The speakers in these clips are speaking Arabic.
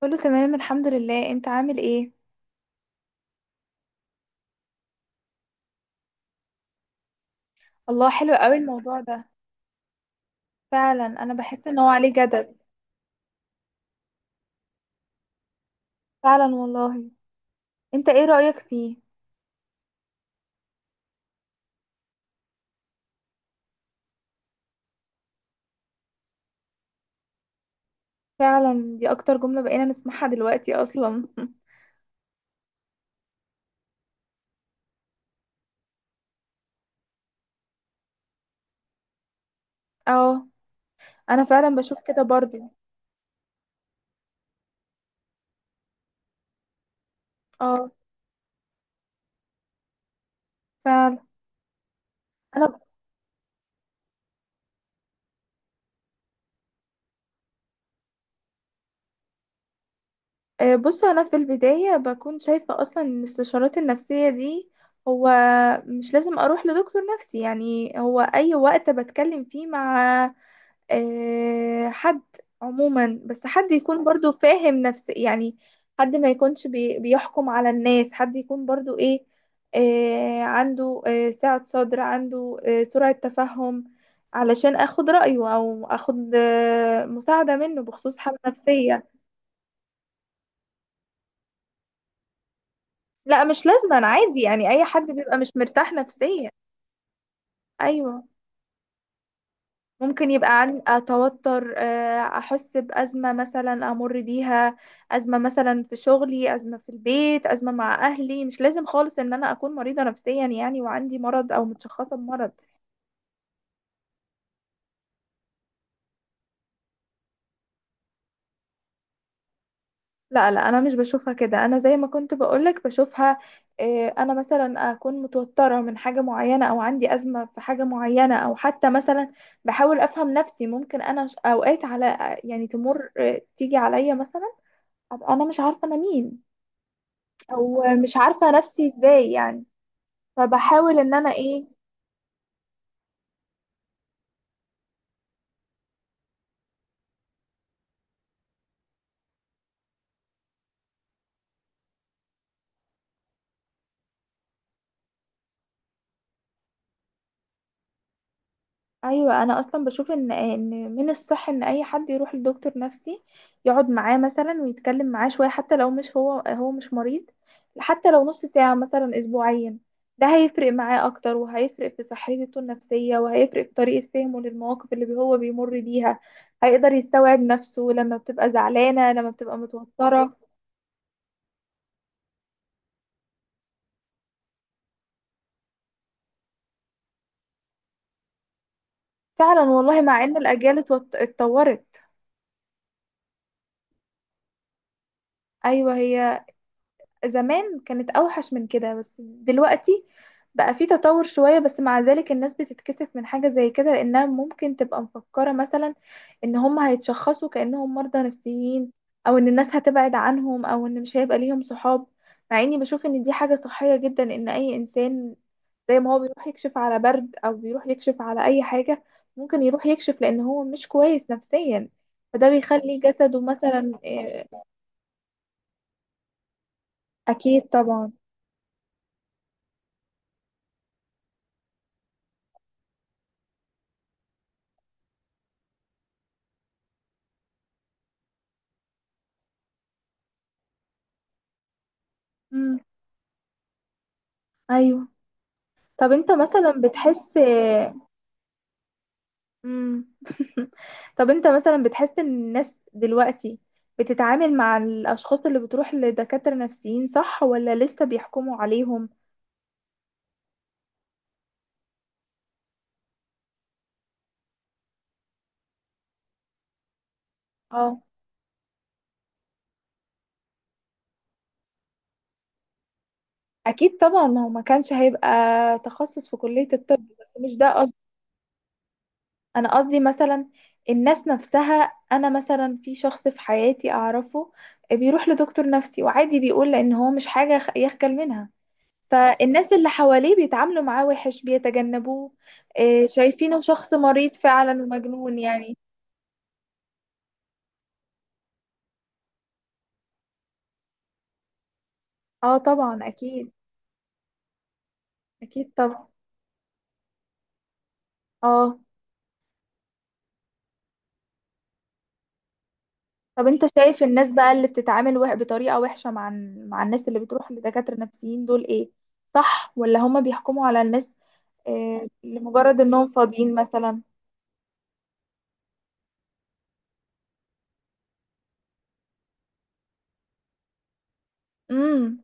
كله تمام، الحمد لله. انت عامل ايه؟ الله، حلو قوي الموضوع ده. فعلا، انا بحس ان هو عليه جدل. فعلا والله. انت ايه رأيك فيه؟ فعلا، دي اكتر جملة بقينا نسمعها دلوقتي اصلا. اه. انا فعلا بشوف كده برضو. اه. فعلا. انا بص، انا في البداية بكون شايفة اصلا ان الاستشارات النفسية دي. هو مش لازم اروح لدكتور نفسي. يعني هو اي وقت بتكلم فيه مع حد عموما، بس حد يكون برضو فاهم نفس، يعني حد ما يكونش بيحكم على الناس، حد يكون برضو ايه، عنده سعة صدر، عنده سرعة تفهم، علشان اخد رأيه او اخد مساعدة منه بخصوص حالة نفسية. لا، مش لازم. انا عادي، يعني اي حد بيبقى مش مرتاح نفسيا. ايوه. ممكن يبقى عن توتر، احس بازمه مثلا امر بيها. ازمه مثلا في شغلي، ازمه في البيت، ازمه مع اهلي. مش لازم خالص ان انا اكون مريضه نفسيا يعني وعندي مرض او متشخصه بمرض. لا، لا، انا مش بشوفها كده. انا زي ما كنت بقولك بشوفها. انا مثلا اكون متوتره من حاجه معينه، او عندي ازمه في حاجه معينه، او حتى مثلا بحاول افهم نفسي. ممكن انا اوقات على يعني تمر، تيجي عليا مثلا. ابقى انا مش عارفه انا مين، ومش عارفة نفسي ازاي يعني. فبحاول ان انا ايه. ايوه، انا اصلا بشوف ان من الصح ان اي حد يروح لدكتور نفسي، يقعد معاه مثلا ويتكلم معاه شوية، حتى لو مش هو مش مريض. حتى لو نص ساعة مثلا اسبوعيا. ده هيفرق معاه اكتر، وهيفرق في صحته النفسية، وهيفرق في طريقة فهمه للمواقف اللي هو بيمر بيها. هيقدر يستوعب نفسه لما بتبقى زعلانة، لما بتبقى متوترة. فعلا والله، مع ان الاجيال اتطورت. ايوه، هي زمان كانت اوحش من كده، بس دلوقتي بقى في تطور شوية. بس مع ذلك الناس بتتكسف من حاجة زي كده، لانها ممكن تبقى مفكرة مثلا ان هم هيتشخصوا كأنهم مرضى نفسيين، او ان الناس هتبعد عنهم، او ان مش هيبقى ليهم صحاب. مع اني بشوف ان دي حاجة صحية جدا، ان اي انسان زي ما هو بيروح يكشف على برد، او بيروح يكشف على اي حاجة، ممكن يروح يكشف لان هو مش كويس نفسيا. فده بيخلي جسده مثلا اكيد طبعا. مم. ايوه. طب انت مثلا بتحس. مم. طب انت مثلا بتحس ان الناس دلوقتي بتتعامل مع الاشخاص اللي بتروح لدكاترة نفسيين صح، ولا لسه بيحكموا عليهم؟ اه، اكيد طبعا، ما هو ما كانش هيبقى تخصص في كلية الطب. بس مش ده قصدي. انا قصدي مثلا الناس نفسها، انا مثلا في شخص في حياتي اعرفه بيروح لدكتور نفسي، وعادي بيقول لان هو مش حاجة يخجل منها. فالناس اللي حواليه بيتعاملوا معاه وحش، بيتجنبوه، شايفينه شخص مريض فعلا ومجنون يعني. اه طبعا، اكيد. اكيد طبعا. اه. طب انت شايف الناس بقى اللي بتتعامل بطريقة وحشة مع مع الناس اللي بتروح لدكاترة نفسيين دول ايه، صح، ولا هما بيحكموا على الناس لمجرد انهم فاضيين مثلا؟ امم.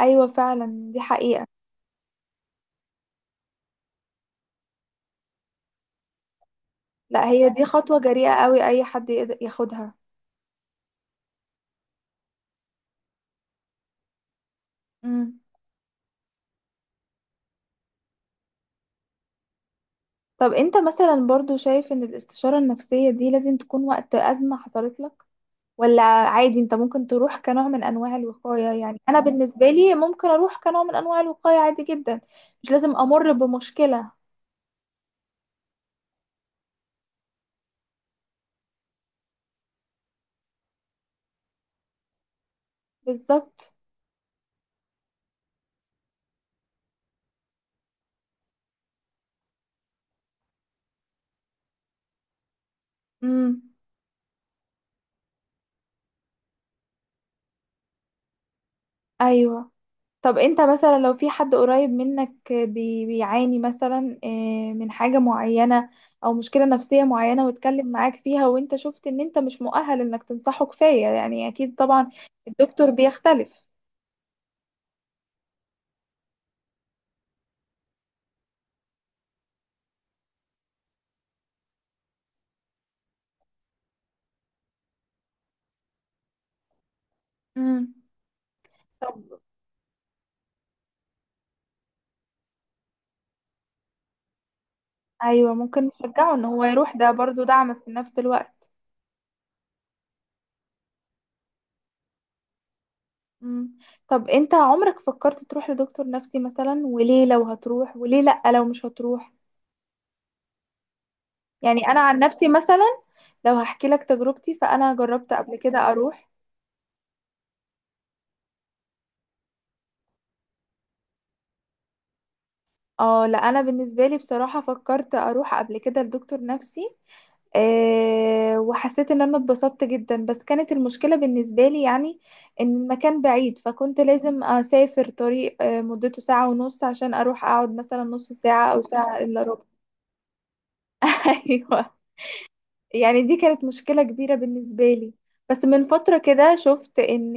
ايوه فعلا، دي حقيقة. لا، هي دي خطوة جريئة قوي اي حد يقدر ياخدها. مم. طب انت مثلا برضو شايف ان الاستشارة النفسية دي لازم تكون وقت أزمة حصلت لك، ولا عادي انت ممكن تروح كنوع من انواع الوقاية؟ يعني انا بالنسبة لي ممكن اروح كنوع من انواع الوقاية عادي جدا، مش لازم امر بمشكلة. بالظبط. امم. ايوه. طب انت مثلا لو في حد قريب منك بيعاني مثلا من حاجة معينة، او مشكلة نفسية معينة واتكلم معاك فيها، وانت شفت ان انت مش مؤهل انك تنصحه كفاية، يعني اكيد طبعا الدكتور بيختلف. مم. طب. ايوه، ممكن نشجعه ان هو يروح، ده برضو دعم في نفس الوقت. مم. طب انت عمرك فكرت تروح لدكتور نفسي مثلا؟ وليه لو هتروح، وليه لأ لو مش هتروح؟ يعني انا عن نفسي مثلا، لو هحكي لك تجربتي، فانا جربت قبل كده اروح. اه، لا، انا بالنسبه لي بصراحه فكرت اروح قبل كده لدكتور نفسي، وحسيت ان انا اتبسطت جدا. بس كانت المشكلة بالنسبة لي، يعني ان المكان بعيد، فكنت لازم اسافر طريق مدته ساعة ونص عشان اروح اقعد مثلا نص ساعة او ساعة الا ربع. ايوه. يعني دي كانت مشكلة كبيرة بالنسبة لي. بس من فترة كده شفت ان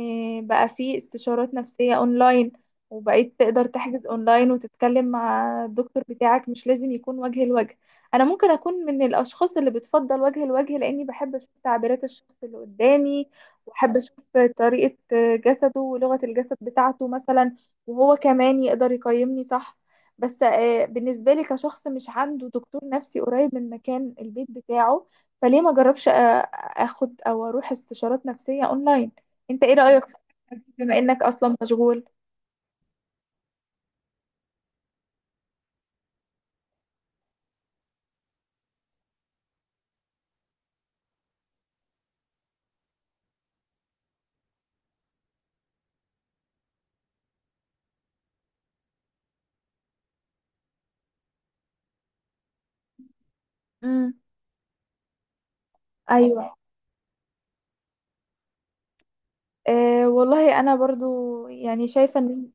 بقى في استشارات نفسية اونلاين، وبقيت تقدر تحجز اونلاين وتتكلم مع الدكتور بتاعك، مش لازم يكون وجه لوجه. انا ممكن اكون من الاشخاص اللي بتفضل وجه لوجه، لاني بحب اشوف تعبيرات الشخص اللي قدامي، واحب اشوف طريقة جسده ولغة الجسد بتاعته مثلا، وهو كمان يقدر يقيمني صح. بس بالنسبة لي كشخص مش عنده دكتور نفسي قريب من مكان البيت بتاعه، فليه ما جربش اخد او اروح استشارات نفسية اونلاين؟ انت ايه رأيك في الحاجات دي، بما انك اصلا مشغول؟ امم. ايوه. أه والله، انا برضو يعني شايفة ان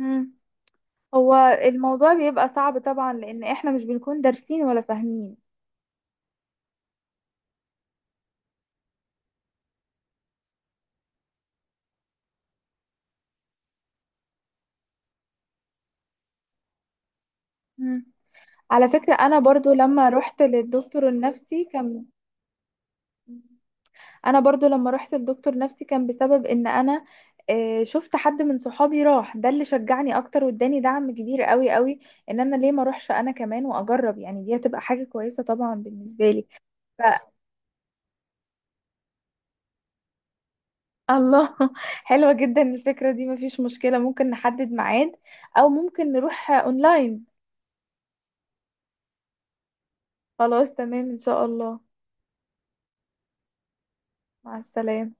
امم. هو الموضوع بيبقى صعب طبعا، لان احنا مش بنكون دارسين ولا فاهمين. امم. على فكرة انا برضو لما رحت للدكتور النفسي كان. انا برضو لما رحت لدكتور نفسي كان بسبب ان انا شفت حد من صحابي راح، ده اللي شجعني اكتر واداني دعم كبير قوي قوي، ان انا ليه ما اروحش انا كمان واجرب؟ يعني دي هتبقى حاجة كويسة طبعا بالنسبة لي. ف... الله، حلوة جدا الفكرة دي. مفيش مشكلة، ممكن نحدد ميعاد، او ممكن نروح اونلاين. خلاص، تمام ان شاء الله. مع السلامة.